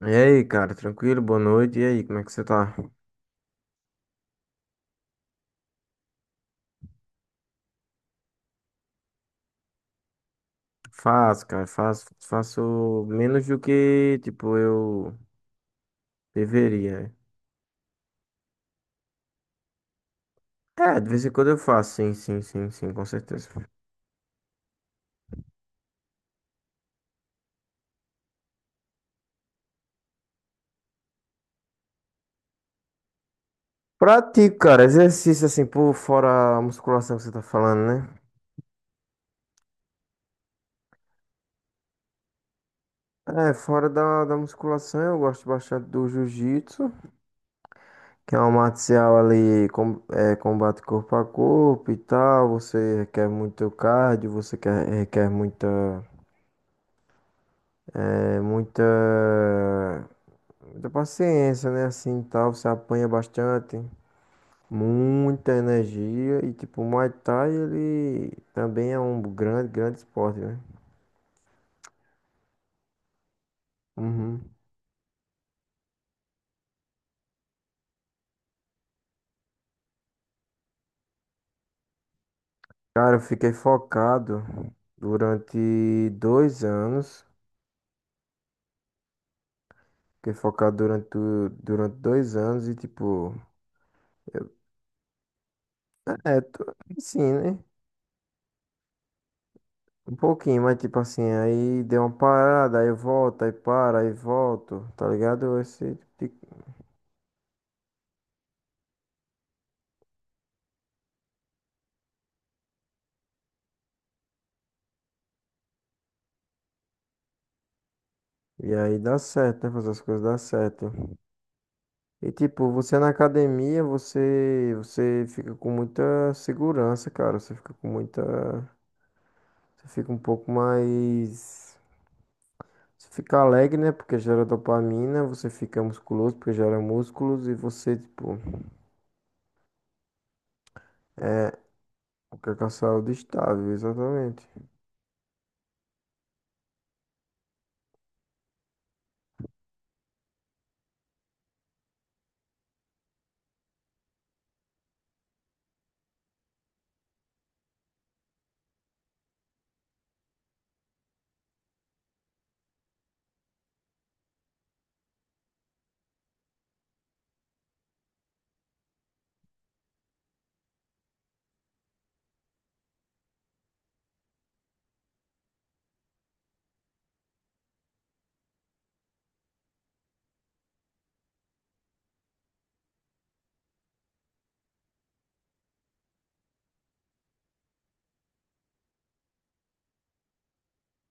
E aí, cara, tranquilo? Boa noite. E aí, como é que você tá? Faço, cara, faço menos do que, tipo, eu deveria. É, de vez em quando eu faço, sim, sim, sim, sim, com certeza. Pratico, cara, exercício assim, por fora a musculação que você tá falando, né? É, fora da musculação, eu gosto bastante do jiu-jitsu, que é uma arte marcial ali, com, é, combate corpo a corpo e tal. Você requer muito cardio, você quer, requer muita, é, muita Muita paciência, né? Assim, tal, você apanha bastante, muita energia e tipo, o Muay Thai, ele também é um grande, grande esporte, né? Uhum. Cara, eu fiquei focado durante 2 anos. Fiquei focado durante, durante 2 anos e, tipo, eu, tô, assim, né? Um pouquinho, mas, tipo, assim, aí deu uma parada, aí volta, aí para, aí volto, tá ligado? Esse, tipo e aí dá certo, né? Fazer as coisas dá certo. E tipo, você na academia, você fica com muita segurança, cara. Você fica com muita, você fica um pouco mais, você fica alegre, né? Porque gera dopamina, você fica musculoso porque gera músculos e você, tipo, fica com a saúde estável, exatamente.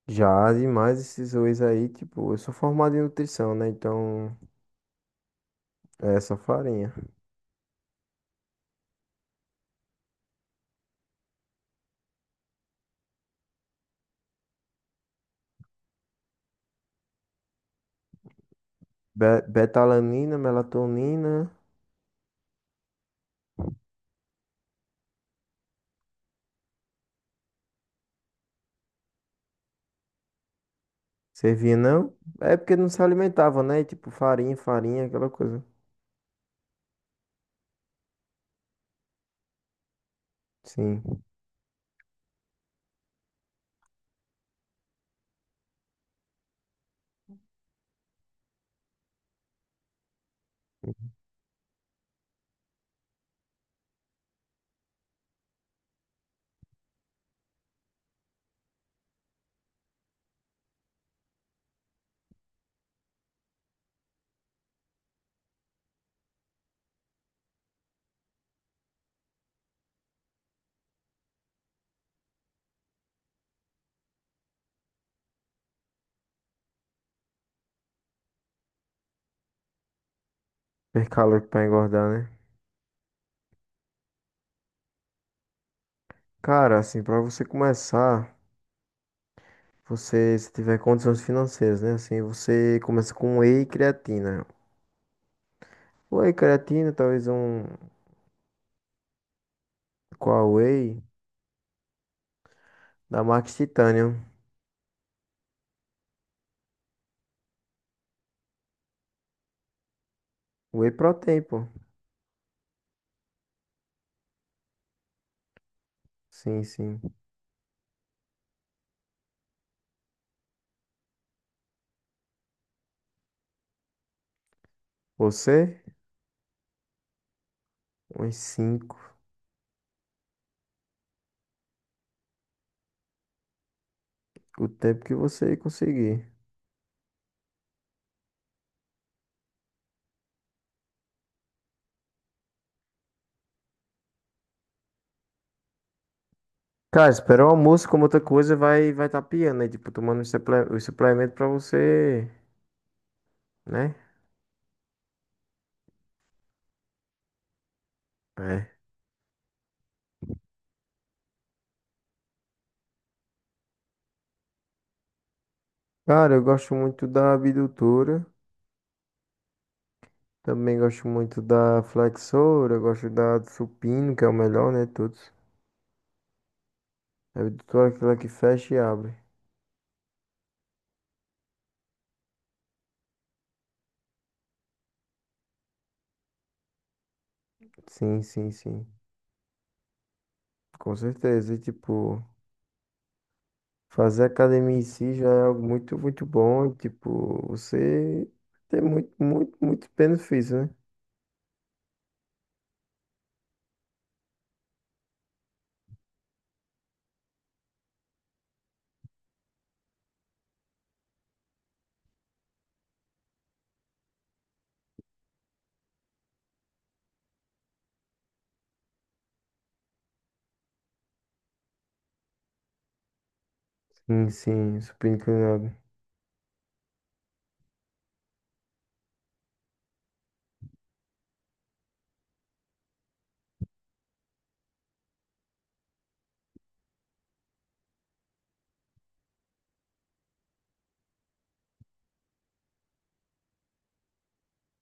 Já demais esses whey aí, tipo, eu sou formado em nutrição, né? Então, é essa farinha. Betalanina, melatonina, servia não? É porque não se alimentava, né? E, tipo, farinha, farinha, aquela coisa. Sim. Per calórico pra engordar, né? Cara, assim, pra você começar, você, se tiver condições financeiras, né? Assim, você começa com um whey e creatina. Whey creatina, talvez um... Qual whey? Da Max Titanium. Whey protein, pô. Sim, sim. Você? Uns cinco. O tempo que você conseguir. Cara, esperar o almoço, como outra coisa, vai tá piando, né? Tipo, tomando os os suplementos pra você, né? É. Cara, eu gosto muito da abdutora. Também gosto muito da flexora, gosto da do supino, que é o melhor, né? Todos. É toda aquela que fecha e abre. Sim, sim, sim. Com certeza. E, tipo, fazer academia em si já é algo muito, muito bom. E, tipo, você tem muito, muito, muito benefício, né? Sim, sim. Supino inclinado.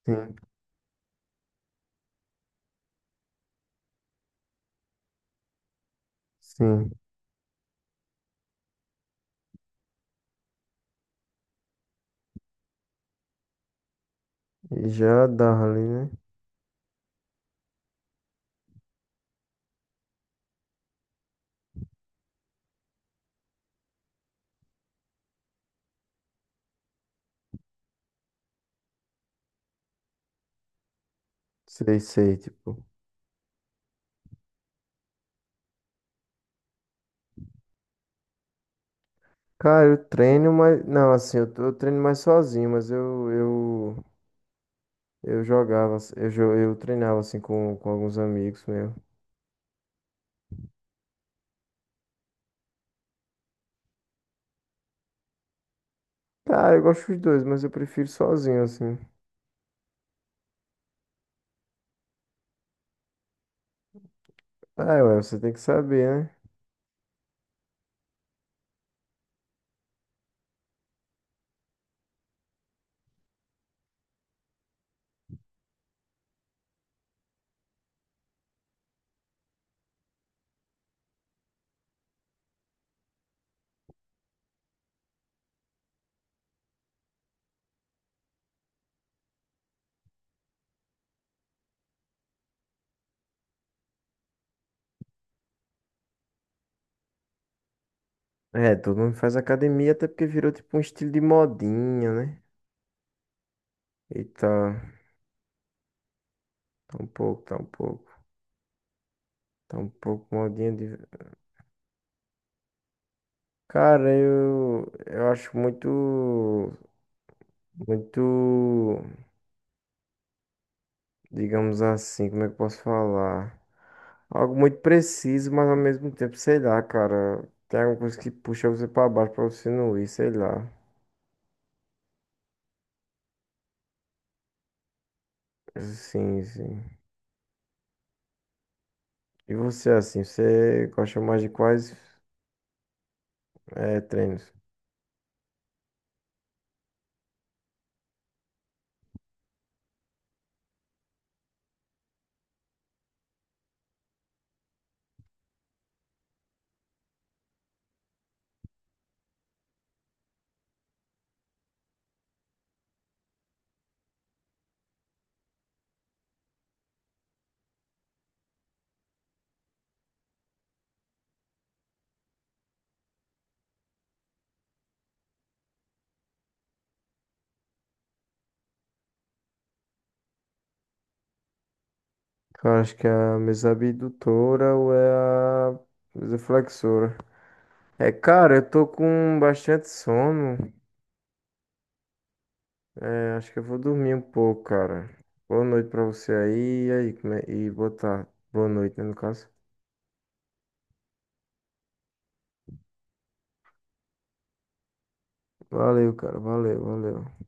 Sim, sim. E já dá ali, né? Sei, sei, tipo. Cara, eu treino, mas. Não, assim, eu, eu treino mais sozinho, mas eu, eu. Eu jogava, eu, eu treinava assim com alguns amigos meu. Ah, eu gosto dos dois, mas eu prefiro sozinho assim. Ah, ué, você tem que saber, né? É, todo mundo faz academia até porque virou tipo um estilo de modinha, né? Eita, tá um pouco, tá um pouco, tá um pouco modinha de. Cara, eu acho muito, muito. Digamos assim, como é que eu posso falar? Algo muito preciso, mas ao mesmo tempo, sei lá, cara. Tem alguma coisa que puxa você pra baixo pra você não ir, sei lá. Sim, sim. E você, assim, você gosta mais de quais treinos? Cara, acho que é a mesa abdutora ou é a mesa flexora. É, cara, eu tô com bastante sono. É, acho que eu vou dormir um pouco, cara. Boa noite pra você aí. E aí, e boa tarde. Boa noite, né, no caso. Valeu, cara. Valeu, valeu.